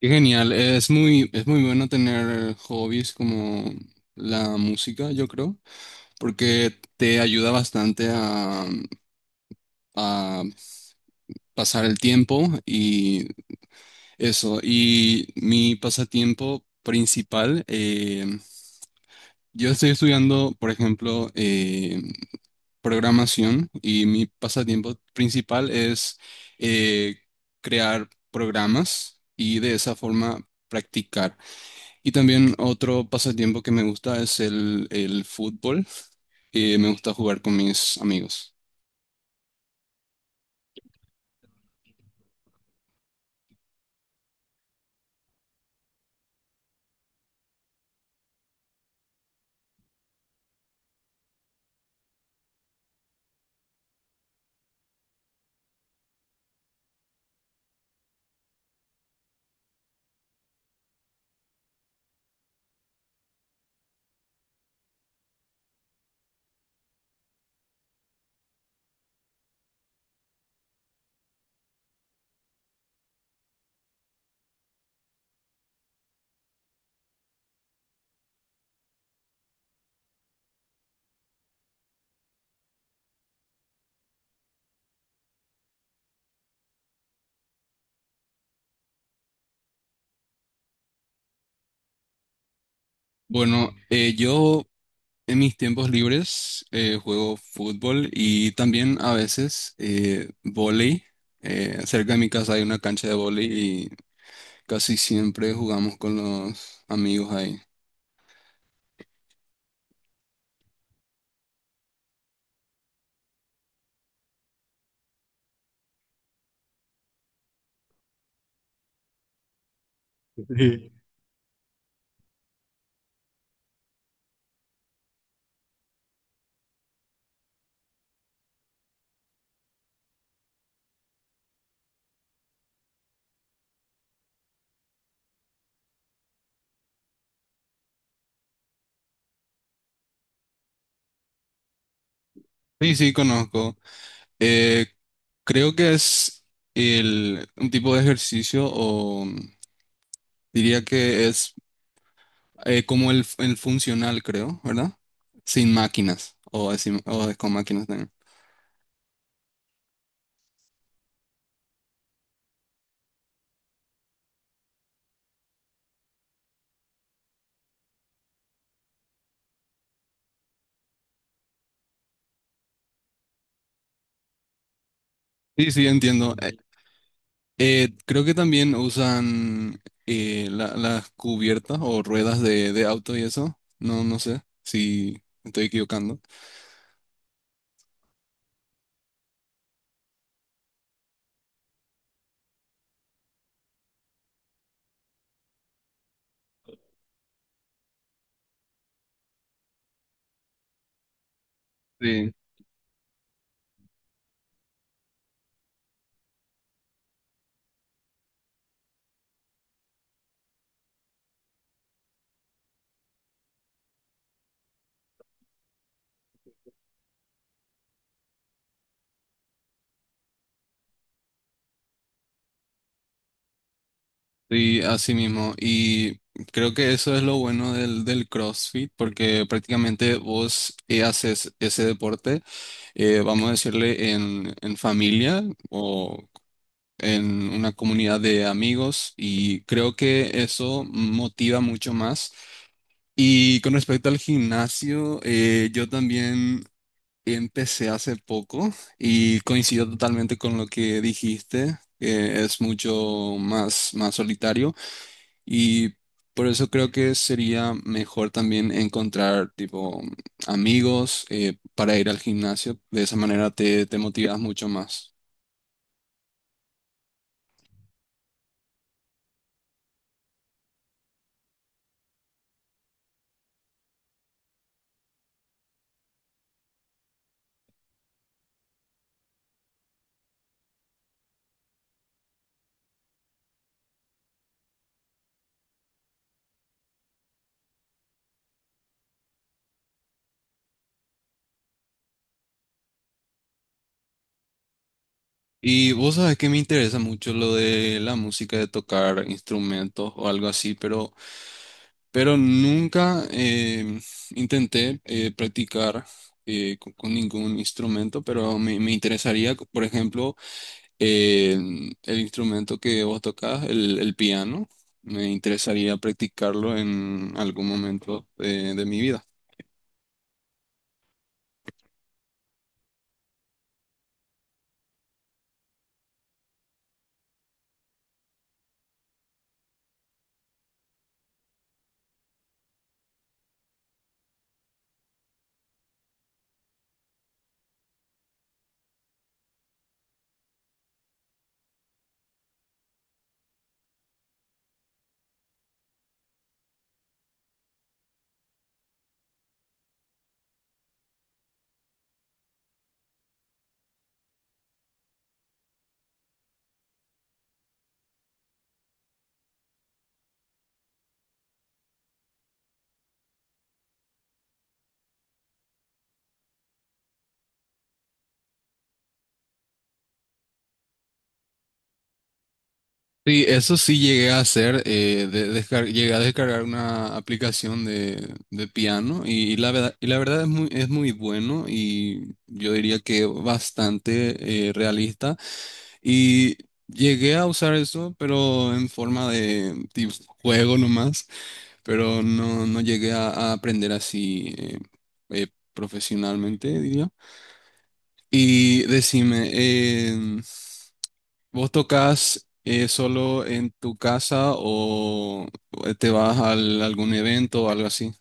Qué genial, es muy bueno tener hobbies como la música, yo creo, porque te ayuda bastante a pasar el tiempo y eso. Y mi pasatiempo principal, yo estoy estudiando, por ejemplo, programación y mi pasatiempo principal es eh, crear programas y de esa forma practicar. Y también otro pasatiempo que me gusta es el fútbol. Me gusta jugar con mis amigos. Bueno, yo en mis tiempos libres juego fútbol y también a veces vóley. Cerca de mi casa hay una cancha de vóley y casi siempre jugamos con los amigos ahí. Sí, sí, conozco. Eh, Creo que es un tipo de ejercicio o diría que es como el funcional, creo, ¿verdad? Sin máquinas o, o con máquinas también. Sí, sí, entiendo. Creo que también usan las cubiertas o ruedas de auto y eso. No, no sé si me estoy equivocando. Sí. Sí, así mismo. Y creo que eso es lo bueno del CrossFit, porque prácticamente vos haces ese deporte, vamos a decirle, en familia o en una comunidad de amigos y creo que eso motiva mucho más. Y con respecto al gimnasio, yo también empecé hace poco y coincido totalmente con lo que dijiste, que es mucho más, más solitario y por eso creo que sería mejor también encontrar tipo amigos para ir al gimnasio. De esa manera te motivas mucho más. Y vos sabés que me interesa mucho lo de la música, de tocar instrumentos o algo así, pero nunca intenté practicar ningún instrumento, pero me interesaría, por ejemplo, eh, el instrumento que vos tocás, el piano, me interesaría practicarlo en algún momento de mi vida. Sí, eso sí llegué a hacer, llegué a descargar una aplicación de piano y la verdad es muy bueno y yo diría que bastante realista y llegué a usar eso pero en forma de tipo juego nomás, pero no, no llegué a aprender así eh, profesionalmente diría. Y decime, em, ¿vos tocas solo en tu casa o te vas a algún evento o algo así?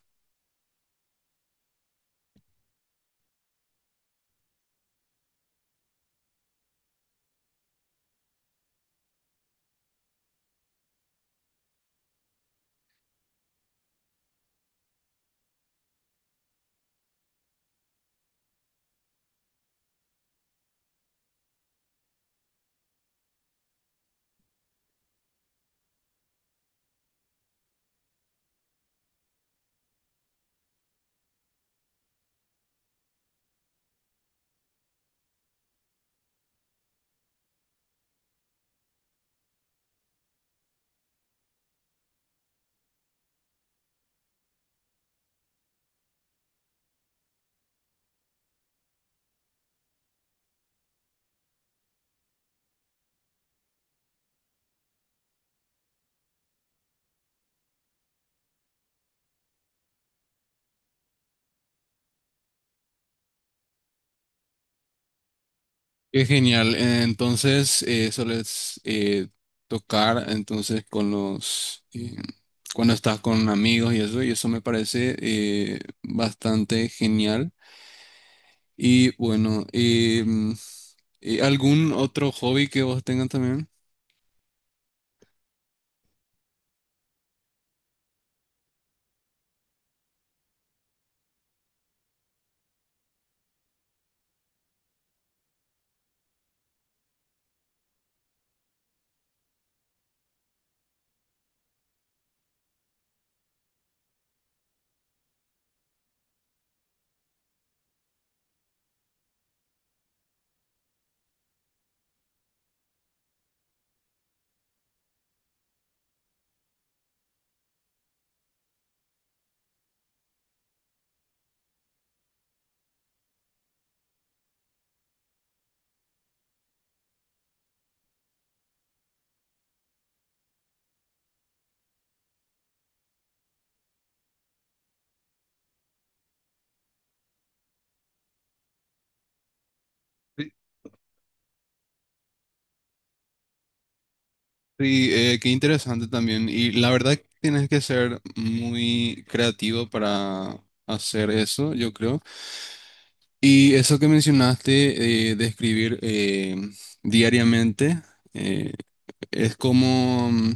Qué genial. Entonces, sueles tocar entonces con los cuando estás con amigos y eso me parece bastante genial. Y bueno, ¿algún otro hobby que vos tengas también? Sí, qué interesante también. Y la verdad que tienes que ser muy creativo para hacer eso, yo creo. Y eso que mencionaste de escribir diariamente, eh, es como mm,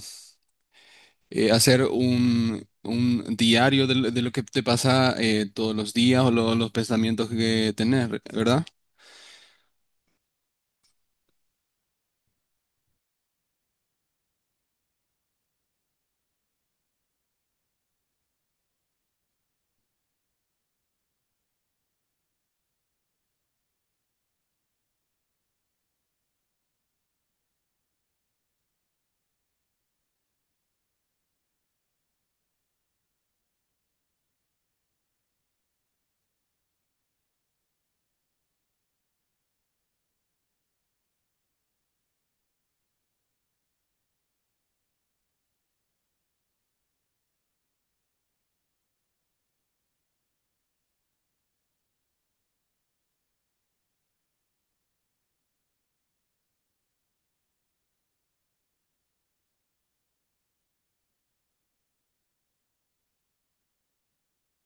eh, hacer un diario de lo que te pasa todos los días o los pensamientos que tenés, ¿verdad?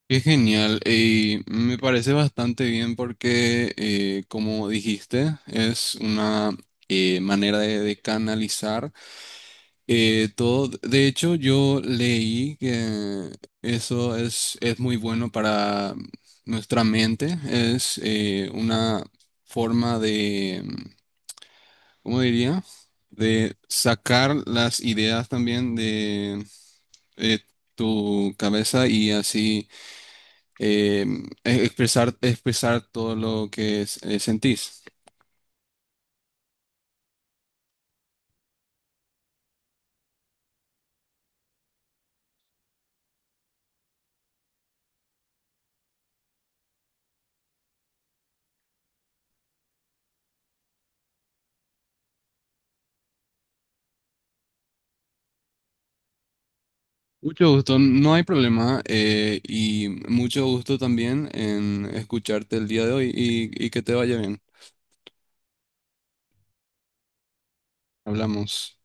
Qué genial, y me parece bastante bien porque, como dijiste, es una manera de canalizar todo. De hecho, yo leí que eso es muy bueno para nuestra mente, es una forma de, ¿cómo diría? De sacar las ideas también de eh, tu cabeza y así eh, expresar todo lo que sentís. Mucho gusto, no hay problema y mucho gusto también en escucharte el día de hoy y que te vaya bien. Hablamos.